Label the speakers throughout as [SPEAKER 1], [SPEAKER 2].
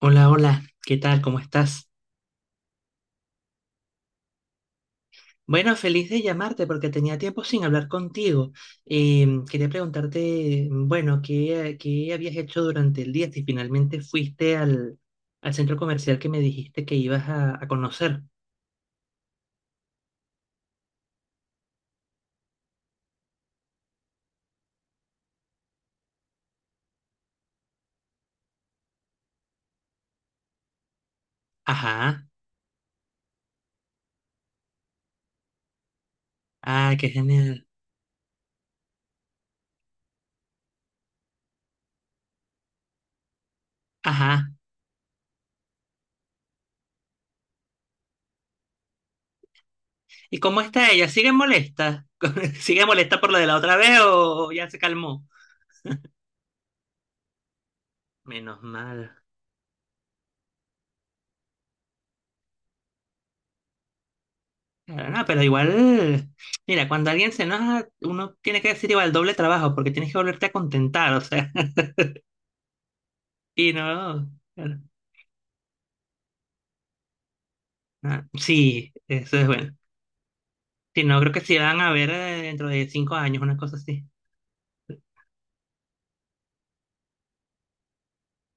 [SPEAKER 1] Hola, hola, ¿qué tal? ¿Cómo estás? Bueno, feliz de llamarte porque tenía tiempo sin hablar contigo. Quería preguntarte, bueno, ¿qué habías hecho durante el día? Si finalmente fuiste al centro comercial que me dijiste que ibas a conocer. Ajá, ah, qué genial. Ajá. ¿Y cómo está ella? ¿Sigue molesta? ¿Sigue molesta por lo de la otra vez o ya se calmó? Menos mal. Pero no, pero igual, mira, cuando alguien se enoja, uno tiene que decir igual doble trabajo, porque tienes que volverte a contentar, o sea, y no, claro, ah, sí, eso es bueno. Si no, creo que sí van a ver dentro de 5 años, una cosa así.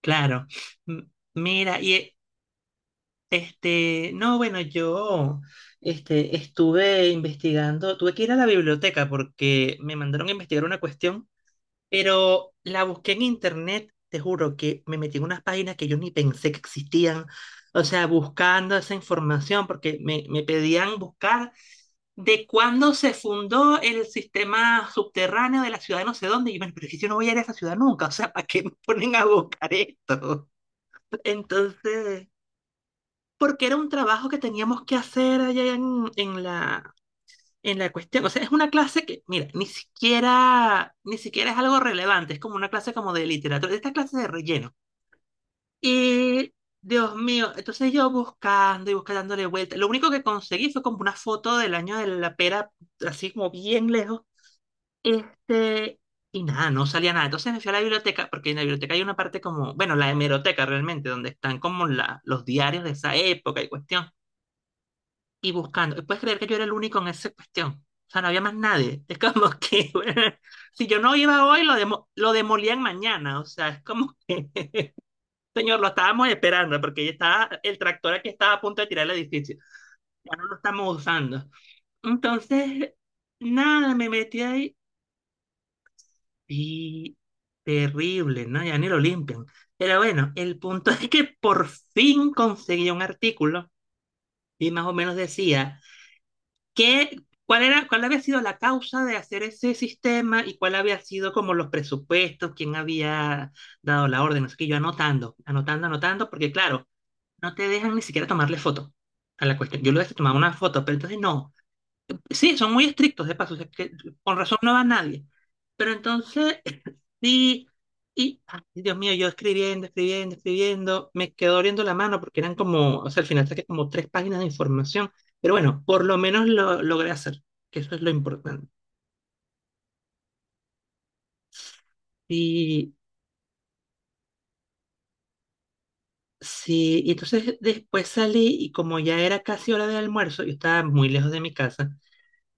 [SPEAKER 1] Claro. M- mira, y no, bueno, yo estuve investigando, tuve que ir a la biblioteca porque me mandaron a investigar una cuestión. Pero la busqué en internet, te juro que me metí en unas páginas que yo ni pensé que existían. O sea, buscando esa información, porque me pedían buscar de cuándo se fundó el sistema subterráneo de la ciudad de no sé dónde. Y yo, bueno, pero si yo no voy a ir a esa ciudad nunca, o sea, ¿para qué me ponen a buscar esto? Entonces, porque era un trabajo que teníamos que hacer allá en la cuestión. O sea, es una clase que, mira, ni siquiera, ni siquiera es algo relevante, es como una clase como de literatura, esta clase de relleno. Y, Dios mío, entonces yo buscando y buscando dándole vuelta. Lo único que conseguí fue como una foto del año de la pera, así como bien lejos. Este, y nada, no salía nada. Entonces me fui a la biblioteca, porque en la biblioteca hay una parte como, bueno, la hemeroteca realmente, donde están como los diarios de esa época y cuestión y buscando. ¿Puedes creer que yo era el único en esa cuestión? O sea, no había más nadie. Es como que, si yo no iba hoy, lo demolían mañana. O sea, es como que, señor, lo estábamos esperando porque ya estaba, el tractor aquí estaba a punto de tirar el edificio. Ya no lo estamos usando. Entonces, nada, me metí ahí y terrible, ¿no? Ya ni lo limpian. Pero bueno, el punto es que por fin conseguí un artículo y más o menos decía. ¿Qué, cuál había sido la causa de hacer ese sistema y cuál había sido como los presupuestos, quién había dado la orden. Así que yo anotando, anotando, anotando, porque claro, no te dejan ni siquiera tomarle foto a la cuestión. Yo lo dije tomaba una foto, pero entonces no. Sí, son muy estrictos de paso, o sea, que con razón no va nadie. Pero entonces, sí, y, ay, Dios mío, yo escribiendo, escribiendo, escribiendo, me quedó doliendo la mano porque eran como, o sea, al final saqué como tres páginas de información, pero bueno, por lo menos lo logré hacer, que eso es lo importante. Y sí, y entonces después salí y como ya era casi hora de almuerzo, yo estaba muy lejos de mi casa.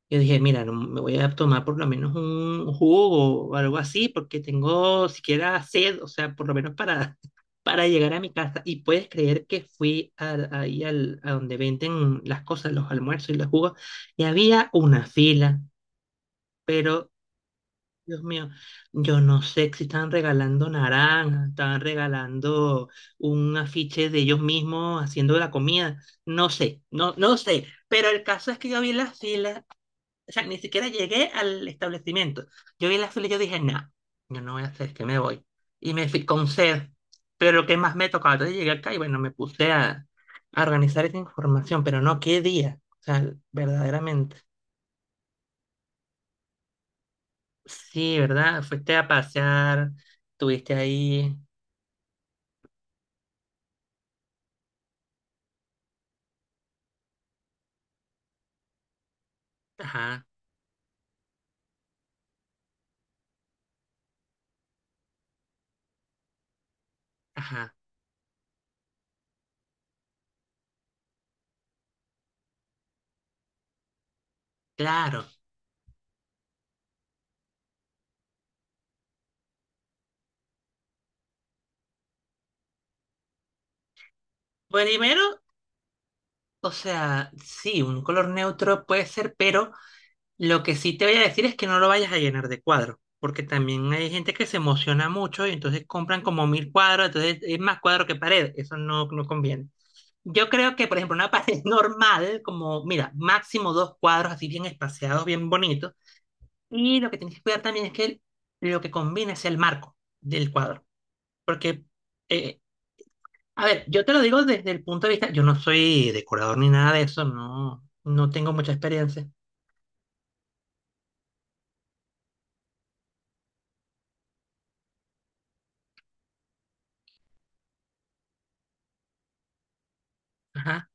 [SPEAKER 1] Yo dije, mira, no, me voy a tomar por lo menos un jugo o algo así, porque tengo siquiera sed, o sea, por lo menos para, para llegar a mi casa. Y puedes creer que ahí a donde venden las cosas, los almuerzos y los jugos, y había una fila, pero, Dios mío, yo no sé si estaban regalando naranjas, estaban regalando un afiche de ellos mismos haciendo la comida, no sé, no, no sé. Pero el caso es que yo vi las filas, o sea, ni siquiera llegué al establecimiento. Yo vi el fila y yo dije, nah, yo no voy a hacer, que me voy. Y me fui con sed, pero lo que más me tocaba. Entonces llegué acá y bueno, me puse a organizar esa información, pero no, qué día. O sea, verdaderamente. Sí, ¿verdad? Fuiste a pasear, estuviste ahí. Ajá, ajá, claro. Primero, o sea, sí, un color neutro puede ser, pero lo que sí te voy a decir es que no lo vayas a llenar de cuadros, porque también hay gente que se emociona mucho y entonces compran como mil cuadros, entonces es más cuadro que pared, eso no, no conviene. Yo creo que, por ejemplo, una pared normal, como, mira, máximo dos cuadros así bien espaciados, bien bonitos, y lo que tienes que cuidar también es que lo que combina sea el marco del cuadro, porque, eh, a ver, yo te lo digo desde el punto de vista, yo no soy decorador ni nada de eso, no, no tengo mucha experiencia. Ajá.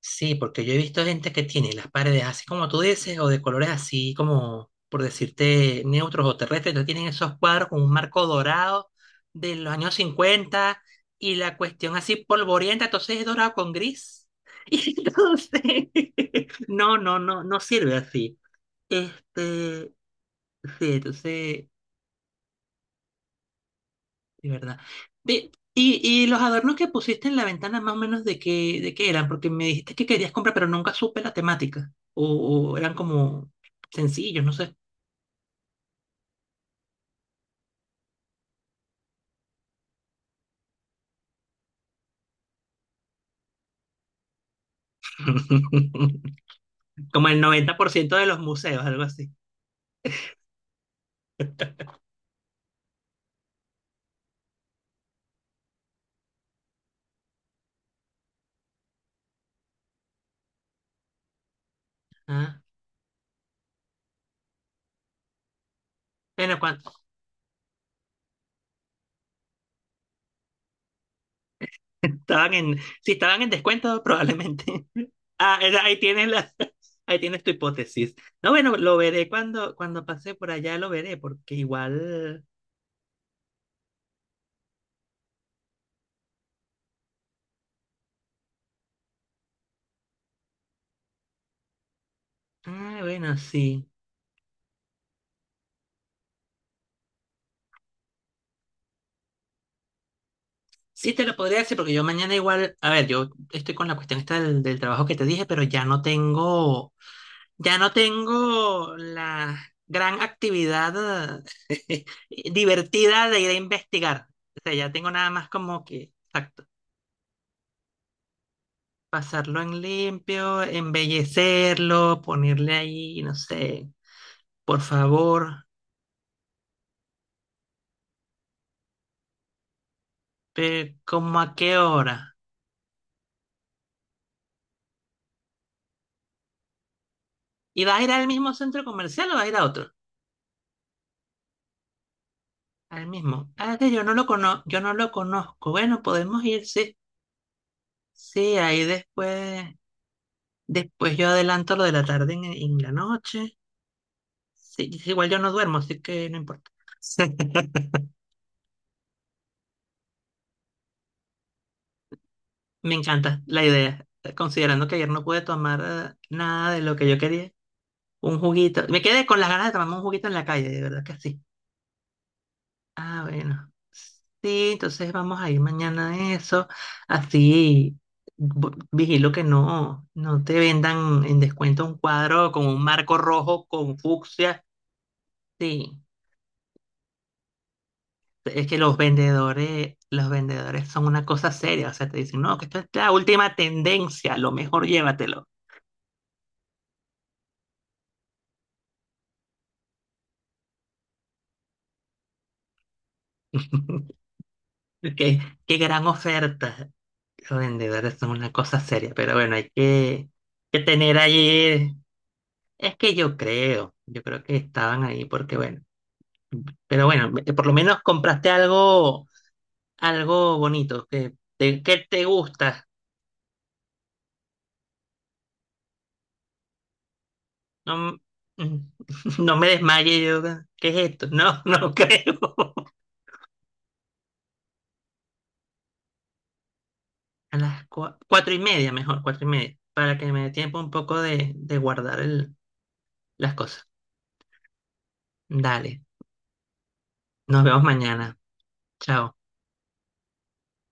[SPEAKER 1] Sí, porque yo he visto gente que tiene las paredes así como tú dices, o de colores así como, por decirte, neutros o terrestres, entonces tienen esos cuadros con un marco dorado de los años 50 y la cuestión así polvorienta, entonces es dorado con gris. Y entonces, no, no, no, no sirve así. Este, sí, entonces de verdad. Ve, y los adornos que pusiste en la ventana, más o menos, ¿de qué eran? Porque me dijiste que querías comprar, pero nunca supe la temática. O eran como sencillos, no sé. Como el 90% de los museos, algo así. Ah, bueno, cuando si estaban en descuento, probablemente. Ah, ahí tienes la, ahí tienes tu hipótesis. No, bueno, lo veré cuando, pase por allá, lo veré, porque igual. Ah, bueno, sí. Sí, te lo podría decir, porque yo mañana igual, a ver, yo estoy con la cuestión esta del trabajo que te dije, pero ya no tengo la gran actividad eh, divertida de ir a investigar. O sea, ya tengo nada más como que, exacto, pasarlo en limpio, embellecerlo, ponerle ahí, no sé, por favor, pero ¿cómo a qué hora? ¿Y vas a ir al mismo centro comercial o vas a ir a otro? Al mismo. Ah, que yo no yo no lo conozco. Bueno, podemos ir, sí. Sí, ahí después yo adelanto lo de la tarde en la noche. Sí, sí, igual yo no duermo, así que no importa. Me encanta la idea, considerando que ayer no pude tomar nada de lo que yo quería. Un juguito. Me quedé con las ganas de tomarme un juguito en la calle, de verdad que sí. Ah, bueno. Sí, entonces vamos a ir mañana a eso. Así vigilo que no te vendan en descuento un cuadro con un marco rojo con fucsia. Sí, es que los vendedores son una cosa seria. O sea, te dicen, no, que esto es la última tendencia, lo mejor llévatelo. Qué, qué gran oferta. Los vendedores son una cosa seria, pero bueno, que tener ahí. Es que yo creo que estaban ahí porque bueno, pero bueno, por lo menos compraste algo, algo bonito, que te gusta. No, mm, no me desmaye yo, ¿qué es esto? No, no creo. A las 4:30, mejor, 4:30, para que me dé tiempo un poco de guardar las cosas. Dale, nos vemos mañana. Chao.